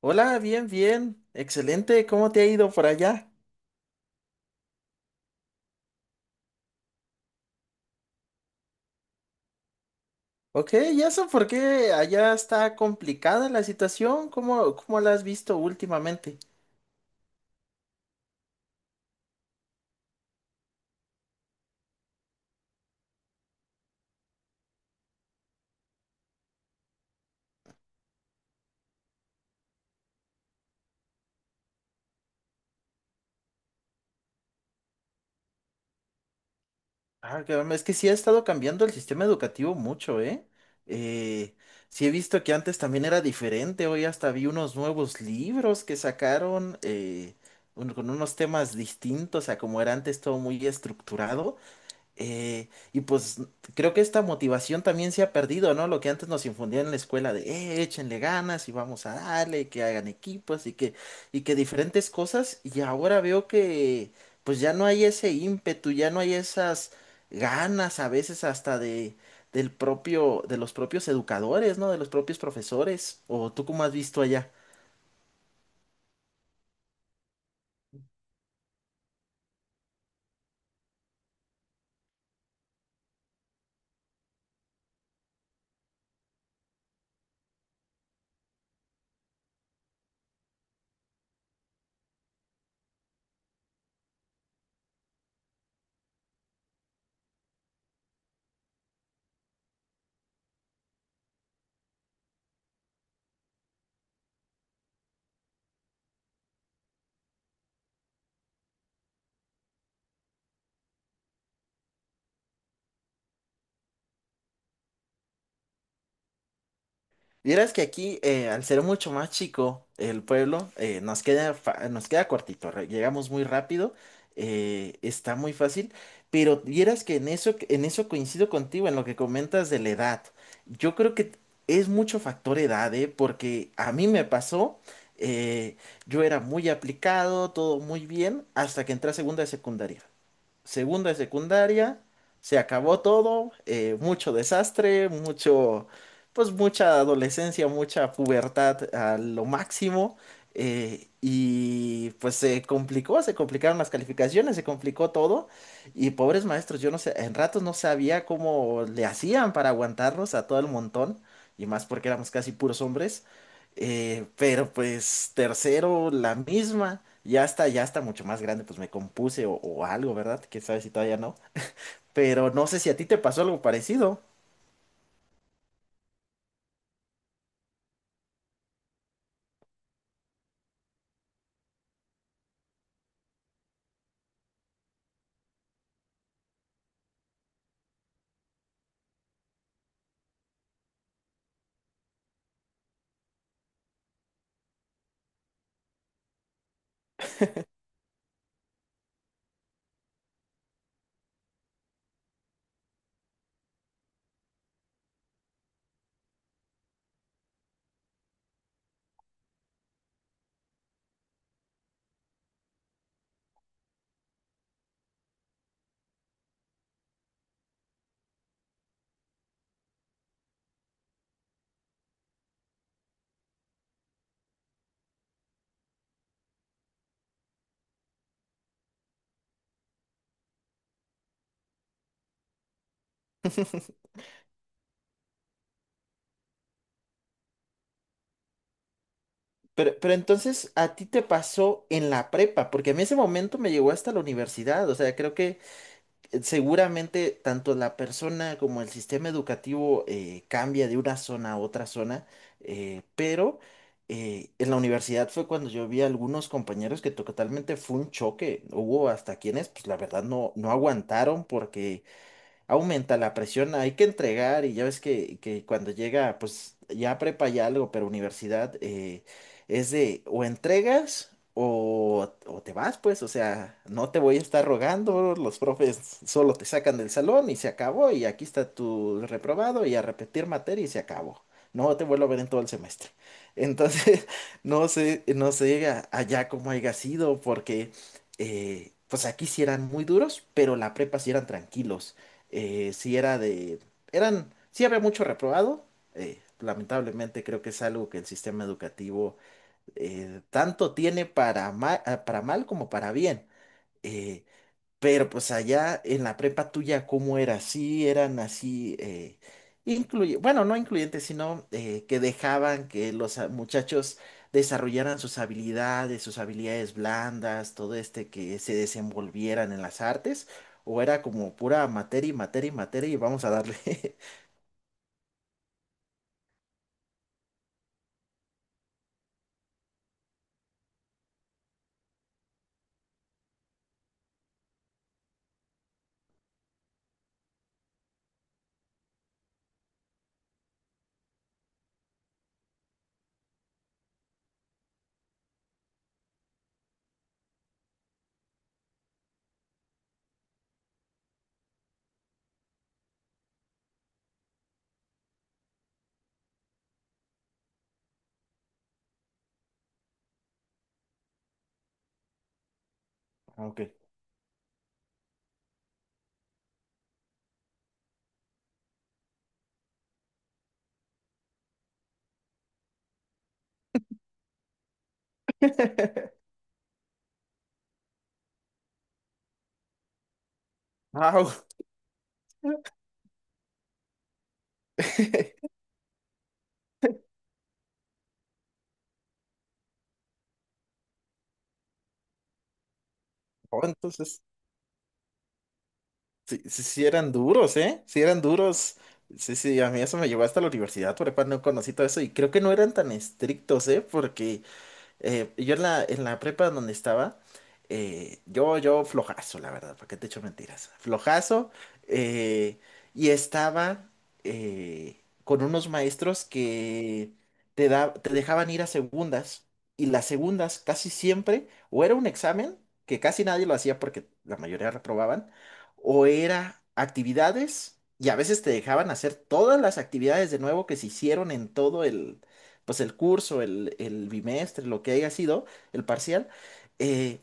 Hola, bien, bien. Excelente. ¿Cómo te ha ido por allá? Ok, ¿y eso por qué allá está complicada la situación? ¿Cómo la has visto últimamente? Ah, es que sí ha estado cambiando el sistema educativo mucho, ¿eh? Eh, sí he visto que antes también era diferente. Hoy hasta vi unos nuevos libros que sacaron con unos temas distintos a como era antes todo muy estructurado. Y pues creo que esta motivación también se ha perdido, ¿no? Lo que antes nos infundían en la escuela de, échenle ganas y vamos a darle, y que hagan equipos y que diferentes cosas. Y ahora veo que pues ya no hay ese ímpetu, ya no hay esas ganas a veces hasta del propio, de los propios educadores, ¿no? De los propios profesores. ¿O tú cómo has visto allá? Vieras que aquí, al ser mucho más chico el pueblo, nos queda, nos queda cortito, llegamos muy rápido, está muy fácil, pero vieras que en eso coincido contigo, en lo que comentas de la edad. Yo creo que es mucho factor edad, ¿eh? Porque a mí me pasó, eh, yo era muy aplicado, todo muy bien, hasta que entré a segunda de secundaria segundo de secundaria, se acabó todo, mucho desastre, mucho, pues mucha adolescencia, mucha pubertad a lo máximo, y pues se complicaron las calificaciones, se complicó todo, y pobres maestros, yo no sé, en ratos no sabía cómo le hacían para aguantarnos a todo el montón, y más porque éramos casi puros hombres. Pero pues tercero, la misma. Ya está mucho más grande, pues me compuse o algo, ¿verdad? Que sabes si todavía no. Pero no sé si a ti te pasó algo parecido. Pero entonces a ti te pasó en la prepa, porque a mí ese momento me llegó hasta la universidad. O sea, creo que seguramente tanto la persona como el sistema educativo cambia de una zona a otra zona, pero en la universidad fue cuando yo vi a algunos compañeros que totalmente fue un choque. Hubo hasta quienes, pues la verdad, no aguantaron porque aumenta la presión, hay que entregar y ya ves que cuando llega, pues ya prepa ya algo, pero universidad es de o entregas o te vas, pues, o sea, no te voy a estar rogando, los profes solo te sacan del salón y se acabó y aquí está tu reprobado y a repetir materia y se acabó. No te vuelvo a ver en todo el semestre. Entonces, no sé, allá cómo haya sido, porque pues aquí sí eran muy duros, pero la prepa sí eran tranquilos sí era de, sí había mucho reprobado. Lamentablemente creo que es algo que el sistema educativo tanto tiene para para mal como para bien. Eh, pero pues allá en la prepa tuya, ¿cómo era? Sí, eran así, bueno, no incluyentes, sino que dejaban que los muchachos desarrollaran sus habilidades blandas, todo este, que se desenvolvieran en las artes, o era como pura materia y materia y materia y vamos a darle. Ah, ok. Ah, ok. Oh, entonces. Sí, sí, sí eran duros, ¿eh? Sí eran duros. Sí, sí, a mí eso me llevó hasta la universidad, por no conocí todo eso y creo que no eran tan estrictos, ¿eh? Porque yo en la prepa donde estaba, yo flojazo, la verdad, ¿para qué te echo mentiras? Flojazo, eh, y estaba con unos maestros que te dejaban ir a segundas, y las segundas casi siempre, o era un examen, que casi nadie lo hacía porque la mayoría reprobaban, o era actividades, y a veces te dejaban hacer todas las actividades de nuevo que se hicieron en todo pues el curso, el bimestre, lo que haya sido, el parcial, eh,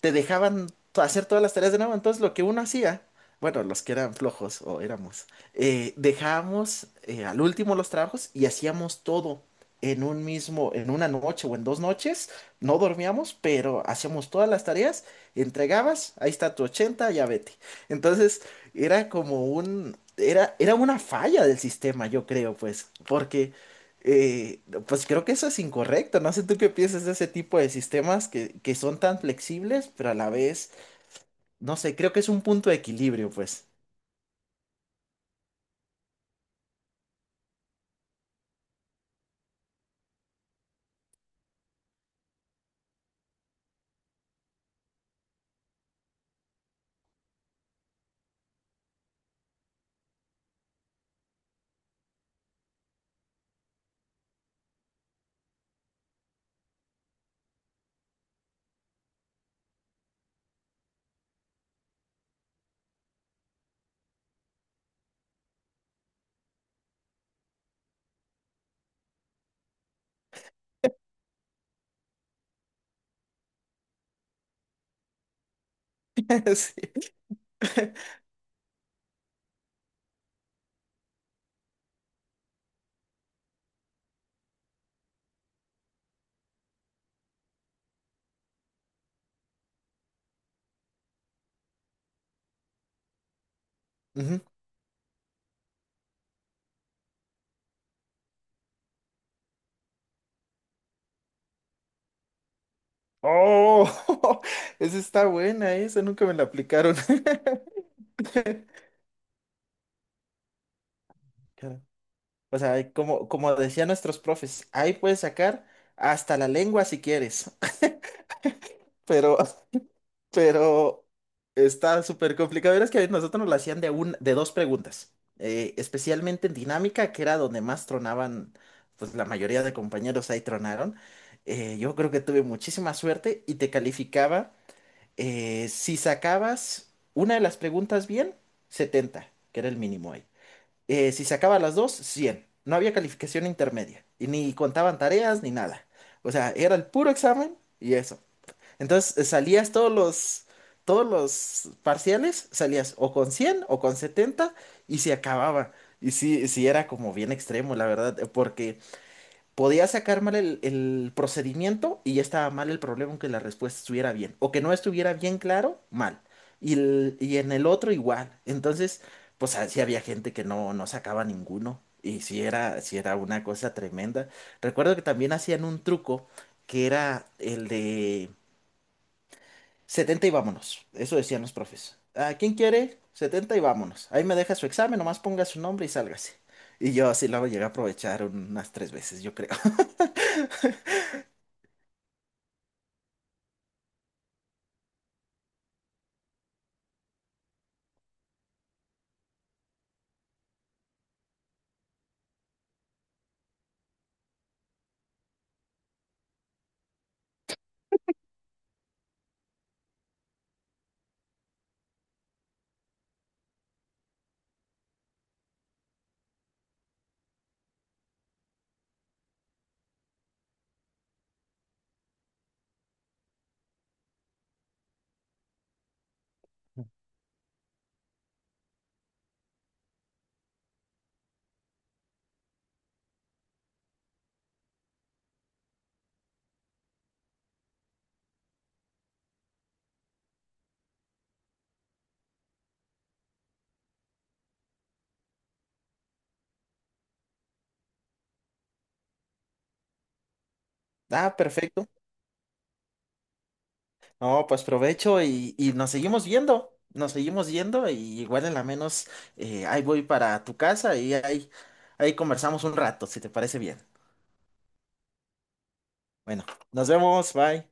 te dejaban hacer todas las tareas de nuevo. Entonces lo que uno hacía, bueno, los que eran flojos o éramos, dejábamos al último los trabajos y hacíamos todo en en una noche o en dos noches. No dormíamos, pero hacíamos todas las tareas, entregabas, ahí está tu 80, ya vete. Entonces era como un... era una falla del sistema, yo creo, pues, porque eh, pues creo que eso es incorrecto. No sé tú qué piensas de ese tipo de sistemas que son tan flexibles, pero a la vez, no sé, creo que es un punto de equilibrio, pues. Sí. Ujú. Oh, esa está buena, esa nunca me la aplicaron. Claro. O sea, como decían nuestros profes, ahí puedes sacar hasta la lengua si quieres. Pero Pero está súper complicado. Verás que a nosotros nos la hacían de dos preguntas, especialmente en dinámica, que era donde más tronaban, pues la mayoría de compañeros ahí tronaron. Yo creo que tuve muchísima suerte y te calificaba, si sacabas una de las preguntas bien, 70 que era el mínimo ahí. Si sacabas las dos, 100. No había calificación intermedia y ni contaban tareas ni nada. O sea, era el puro examen y eso. Entonces salías todos los parciales, salías o con 100 o con 70 y se acababa. Y sí, sí era como bien extremo, la verdad, porque podía sacar mal el procedimiento y ya estaba mal el problema aunque la respuesta estuviera bien. O que no estuviera bien claro, mal. Y, y en el otro igual. Entonces, pues así había gente que no sacaba ninguno. Y sí era una cosa tremenda. Recuerdo que también hacían un truco que era el de 70 y vámonos. Eso decían los profes. ¿A quién quiere? 70 y vámonos. Ahí me deja su examen, nomás ponga su nombre y sálgase. Y yo así lo llegué a aprovechar unas tres veces, yo creo. Ah, perfecto. No, pues provecho y nos seguimos viendo. Nos seguimos yendo y igual en la menos ahí voy para tu casa y ahí, ahí conversamos un rato, si te parece bien. Bueno, nos vemos, bye.